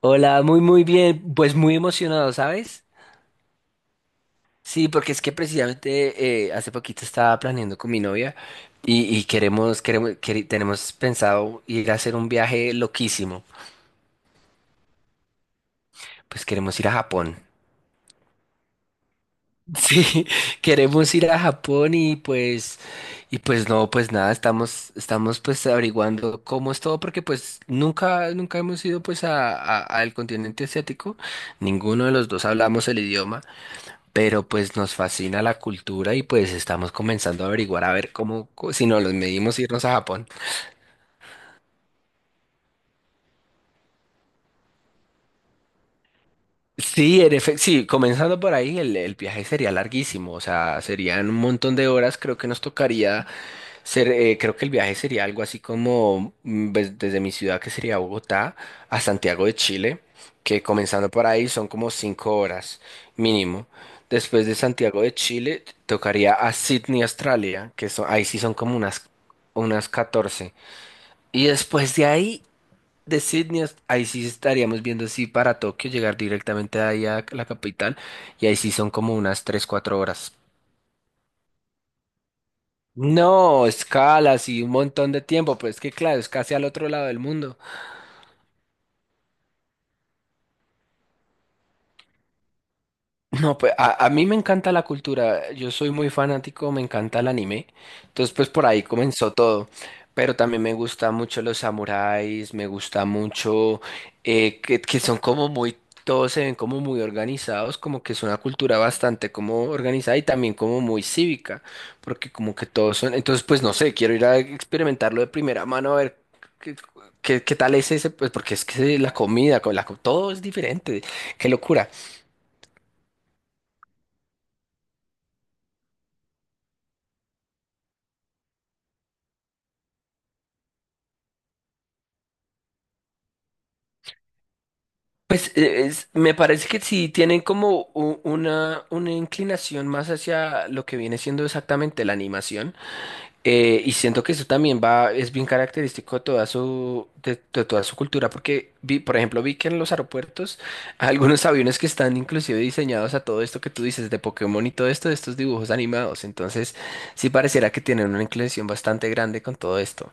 Hola, muy muy bien, pues muy emocionado, ¿sabes? Sí, porque es que precisamente hace poquito estaba planeando con mi novia y tenemos pensado ir a hacer un viaje loquísimo, pues queremos ir a Japón. Sí, queremos ir a Japón y pues no, pues nada, estamos pues averiguando cómo es todo, porque pues nunca hemos ido pues al continente asiático, ninguno de los dos hablamos el idioma. Pero pues nos fascina la cultura y pues estamos comenzando a averiguar a ver si nos los medimos irnos a Japón. Sí, en efecto, sí, comenzando por ahí, el viaje sería larguísimo, o sea, serían un montón de horas, creo que nos tocaría creo que el viaje sería algo así como desde mi ciudad, que sería Bogotá, a Santiago de Chile, que comenzando por ahí son como 5 horas mínimo. Después de Santiago de Chile, tocaría a Sydney, Australia, que son, ahí sí son como unas 14. Y después de ahí, de Sydney, ahí sí estaríamos viendo si para Tokio, llegar directamente ahí a la capital, y ahí sí son como unas 3 4 horas. No, escalas y un montón de tiempo, pues es que claro, es casi al otro lado del mundo. No, pues a mí me encanta la cultura, yo soy muy fanático, me encanta el anime, entonces pues por ahí comenzó todo, pero también me gusta mucho los samuráis, me gusta mucho que son como muy, todos se ven como muy organizados, como que es una cultura bastante como organizada y también como muy cívica, porque como que todos son, entonces pues no sé, quiero ir a experimentarlo de primera mano a ver qué, qué tal es ese, pues porque es que la comida, todo es diferente, qué locura. Pues me parece que sí tienen como una inclinación más hacia lo que viene siendo exactamente la animación. Eh, y siento que eso también va, es bien característico de toda de toda su cultura, porque vi, por ejemplo, vi que en los aeropuertos hay algunos aviones que están inclusive diseñados a todo esto que tú dices de Pokémon y todo esto, de estos dibujos animados. Entonces, sí pareciera que tienen una inclinación bastante grande con todo esto.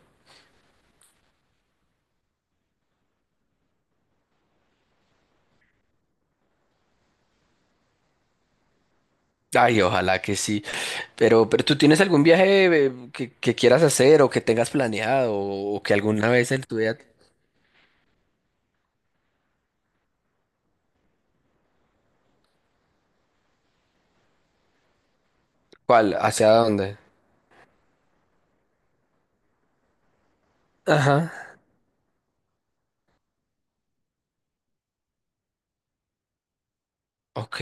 Ay, ojalá que sí. Pero ¿tú tienes algún viaje que quieras hacer o que tengas planeado o, que alguna vez en tu vida... ¿Cuál? ¿Hacia dónde? Ajá. Ok.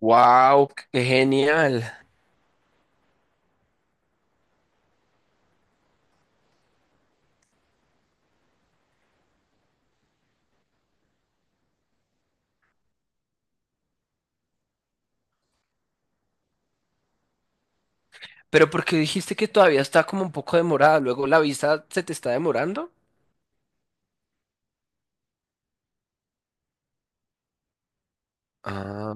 Wow, qué genial. Pero ¿por qué dijiste que todavía está como un poco demorada? ¿Luego la visa se te está demorando? Ah,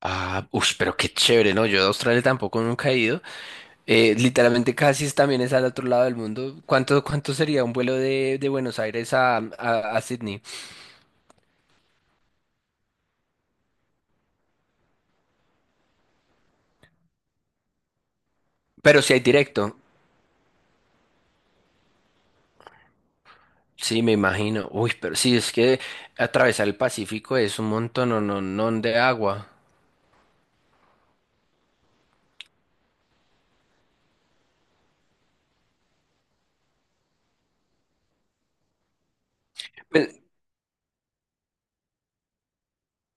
ah, ush, pero qué chévere, ¿no? Yo de Australia tampoco nunca he ido. Literalmente casi también es al otro lado del mundo. ¿Cuánto, cuánto sería un vuelo de Buenos Aires a Sydney? Pero si hay directo. Sí, me imagino. Uy, pero sí, es que atravesar el Pacífico es un montón, no de agua. Pues,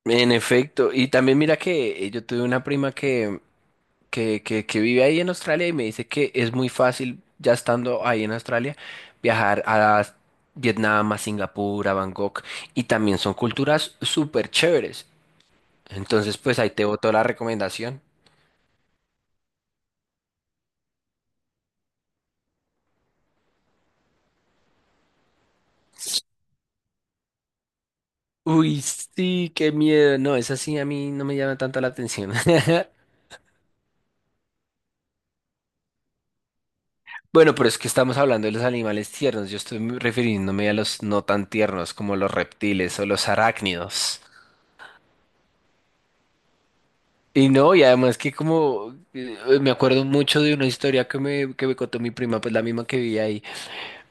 en efecto, y también mira que yo tuve una prima que vive ahí en Australia y me dice que es muy fácil, ya estando ahí en Australia, viajar a Vietnam, a Singapur, a Bangkok, y también son culturas súper chéveres. Entonces, pues ahí te boto la recomendación. Uy, sí, qué miedo. No, esa sí a mí no me llama tanto la atención. Bueno, pero es que estamos hablando de los animales tiernos. Yo refiriéndome a los no tan tiernos, como los reptiles o los arácnidos. Y no, y además que como me acuerdo mucho de una historia que me contó mi prima, pues la misma que vivía ahí,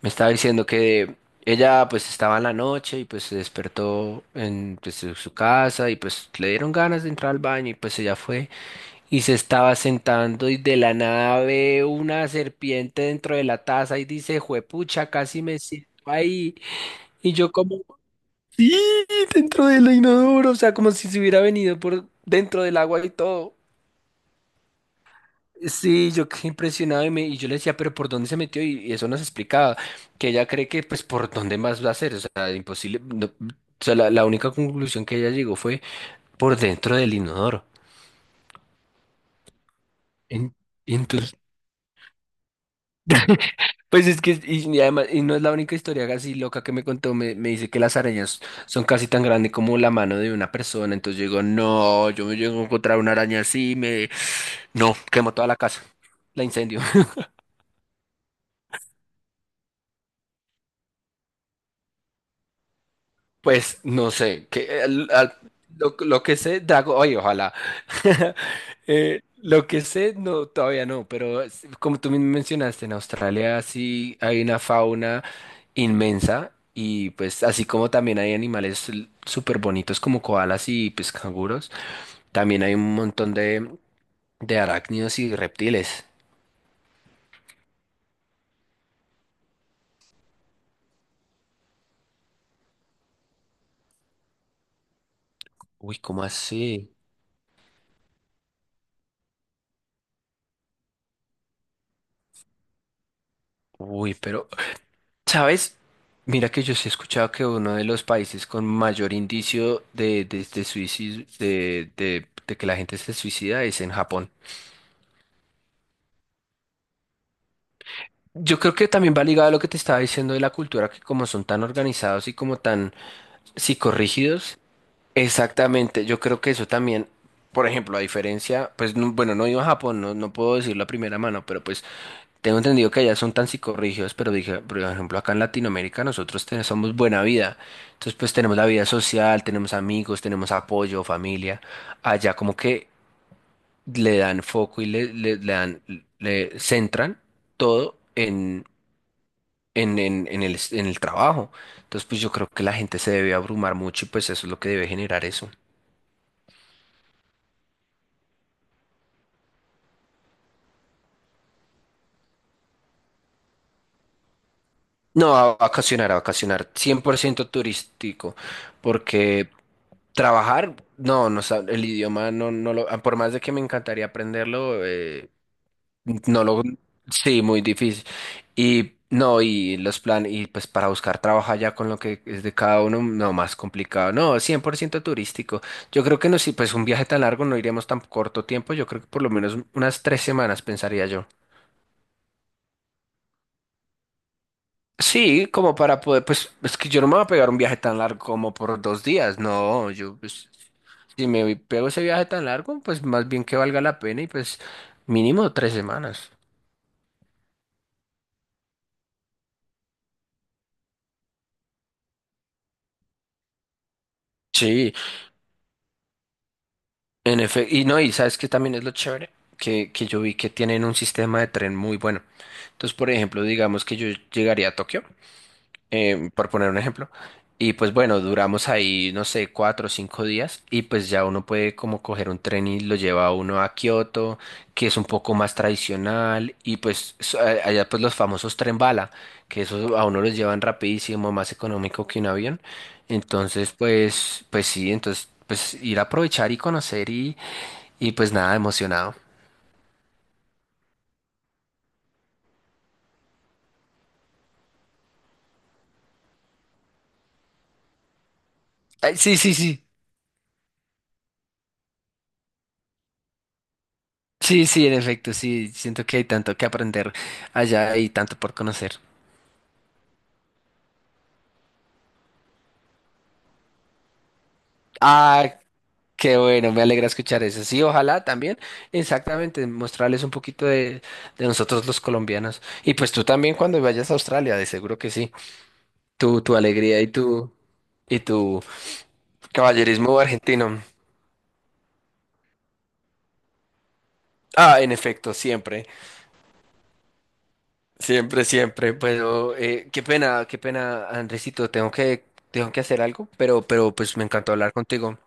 me estaba diciendo que ella pues estaba en la noche y pues se despertó en su casa y pues le dieron ganas de entrar al baño y pues ella fue y se estaba sentando y de la nada ve una serpiente dentro de la taza y dice, juepucha, casi me siento ahí. Y yo como, sí, dentro del inodoro, o sea, como si se hubiera venido por dentro del agua y todo. Sí, yo quedé impresionado y yo le decía, pero ¿por dónde se metió? Y eso nos explicaba, que ella cree que pues por dónde más va a ser, o sea, imposible. O sea, la única conclusión que ella llegó fue por dentro del inodoro. En- entonces pues es que, y además, y no es la única historia así loca que me contó, me dice que las arañas son casi tan grandes como la mano de una persona, entonces yo digo, no, yo me llego a encontrar una araña así, me... No, quemo toda la casa, la incendio. Pues no sé, lo que sé, Dragon, oye, ojalá. Lo que sé, no, todavía no, pero como tú mismo mencionaste, en Australia sí hay una fauna inmensa y pues así como también hay animales súper bonitos como koalas y pues canguros, también hay un montón de arácnidos y reptiles. Uy, ¿cómo así? Uy, pero ¿sabes? Mira que yo sí he escuchado que uno de los países con mayor indicio de suicidio, de que la gente se suicida es en Japón. Yo creo que también va ligado a lo que te estaba diciendo de la cultura, que como son tan organizados y como tan psicorrígidos, exactamente, yo creo que eso también, por ejemplo, a diferencia, pues bueno, no he ido a Japón, no, no puedo decirlo a primera mano, pero pues tengo entendido que allá son tan psicorrígidos, pero dije, por ejemplo, acá en Latinoamérica nosotros somos buena vida. Entonces, pues tenemos la vida social, tenemos amigos, tenemos apoyo, familia. Allá como que le dan foco y le dan, le centran todo en, en el trabajo. Entonces, pues yo creo que la gente se debe abrumar mucho y pues eso es lo que debe generar eso. No, a vacacionar, 100% turístico, porque trabajar, el idioma no, no lo, por más de que me encantaría aprenderlo, no lo, sí, muy difícil. Y no, y los planes, y pues para buscar trabajo allá con lo que es de cada uno, no, más complicado. No, 100% turístico. Yo creo que no, si pues un viaje tan largo no iríamos tan corto tiempo, yo creo que por lo menos unas 3 semanas, pensaría yo. Sí, como para poder, pues es que yo no me voy a pegar un viaje tan largo como por 2 días, no, yo pues si me pego ese viaje tan largo, pues más bien que valga la pena y pues mínimo 3 semanas. Sí, en efecto, y no, y sabes que también es lo chévere, que yo vi que tienen un sistema de tren muy bueno. Entonces, por ejemplo, digamos que yo llegaría a Tokio. Eh, por poner un ejemplo. Y pues bueno, duramos ahí, no sé, 4 o 5 días y pues ya uno puede como coger un tren y lo lleva a uno a Kioto, que es un poco más tradicional y pues allá pues los famosos tren bala, que eso a uno los llevan rapidísimo, más económico que un avión. Entonces pues, pues sí, entonces pues ir a aprovechar y conocer y pues nada, emocionado. Ay, sí, en efecto, sí, siento que hay tanto que aprender allá y tanto por conocer. Ah, qué bueno, me alegra escuchar eso. Sí, ojalá también, exactamente, mostrarles un poquito de nosotros los colombianos. Y pues tú también cuando vayas a Australia, de seguro que sí. Tu alegría y tu caballerismo argentino. Ah, en efecto, siempre. Pero qué pena, Andresito, tengo que hacer algo, pero pues me encantó hablar contigo.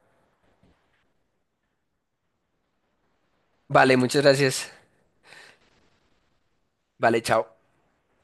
Vale, muchas gracias. Vale, chao.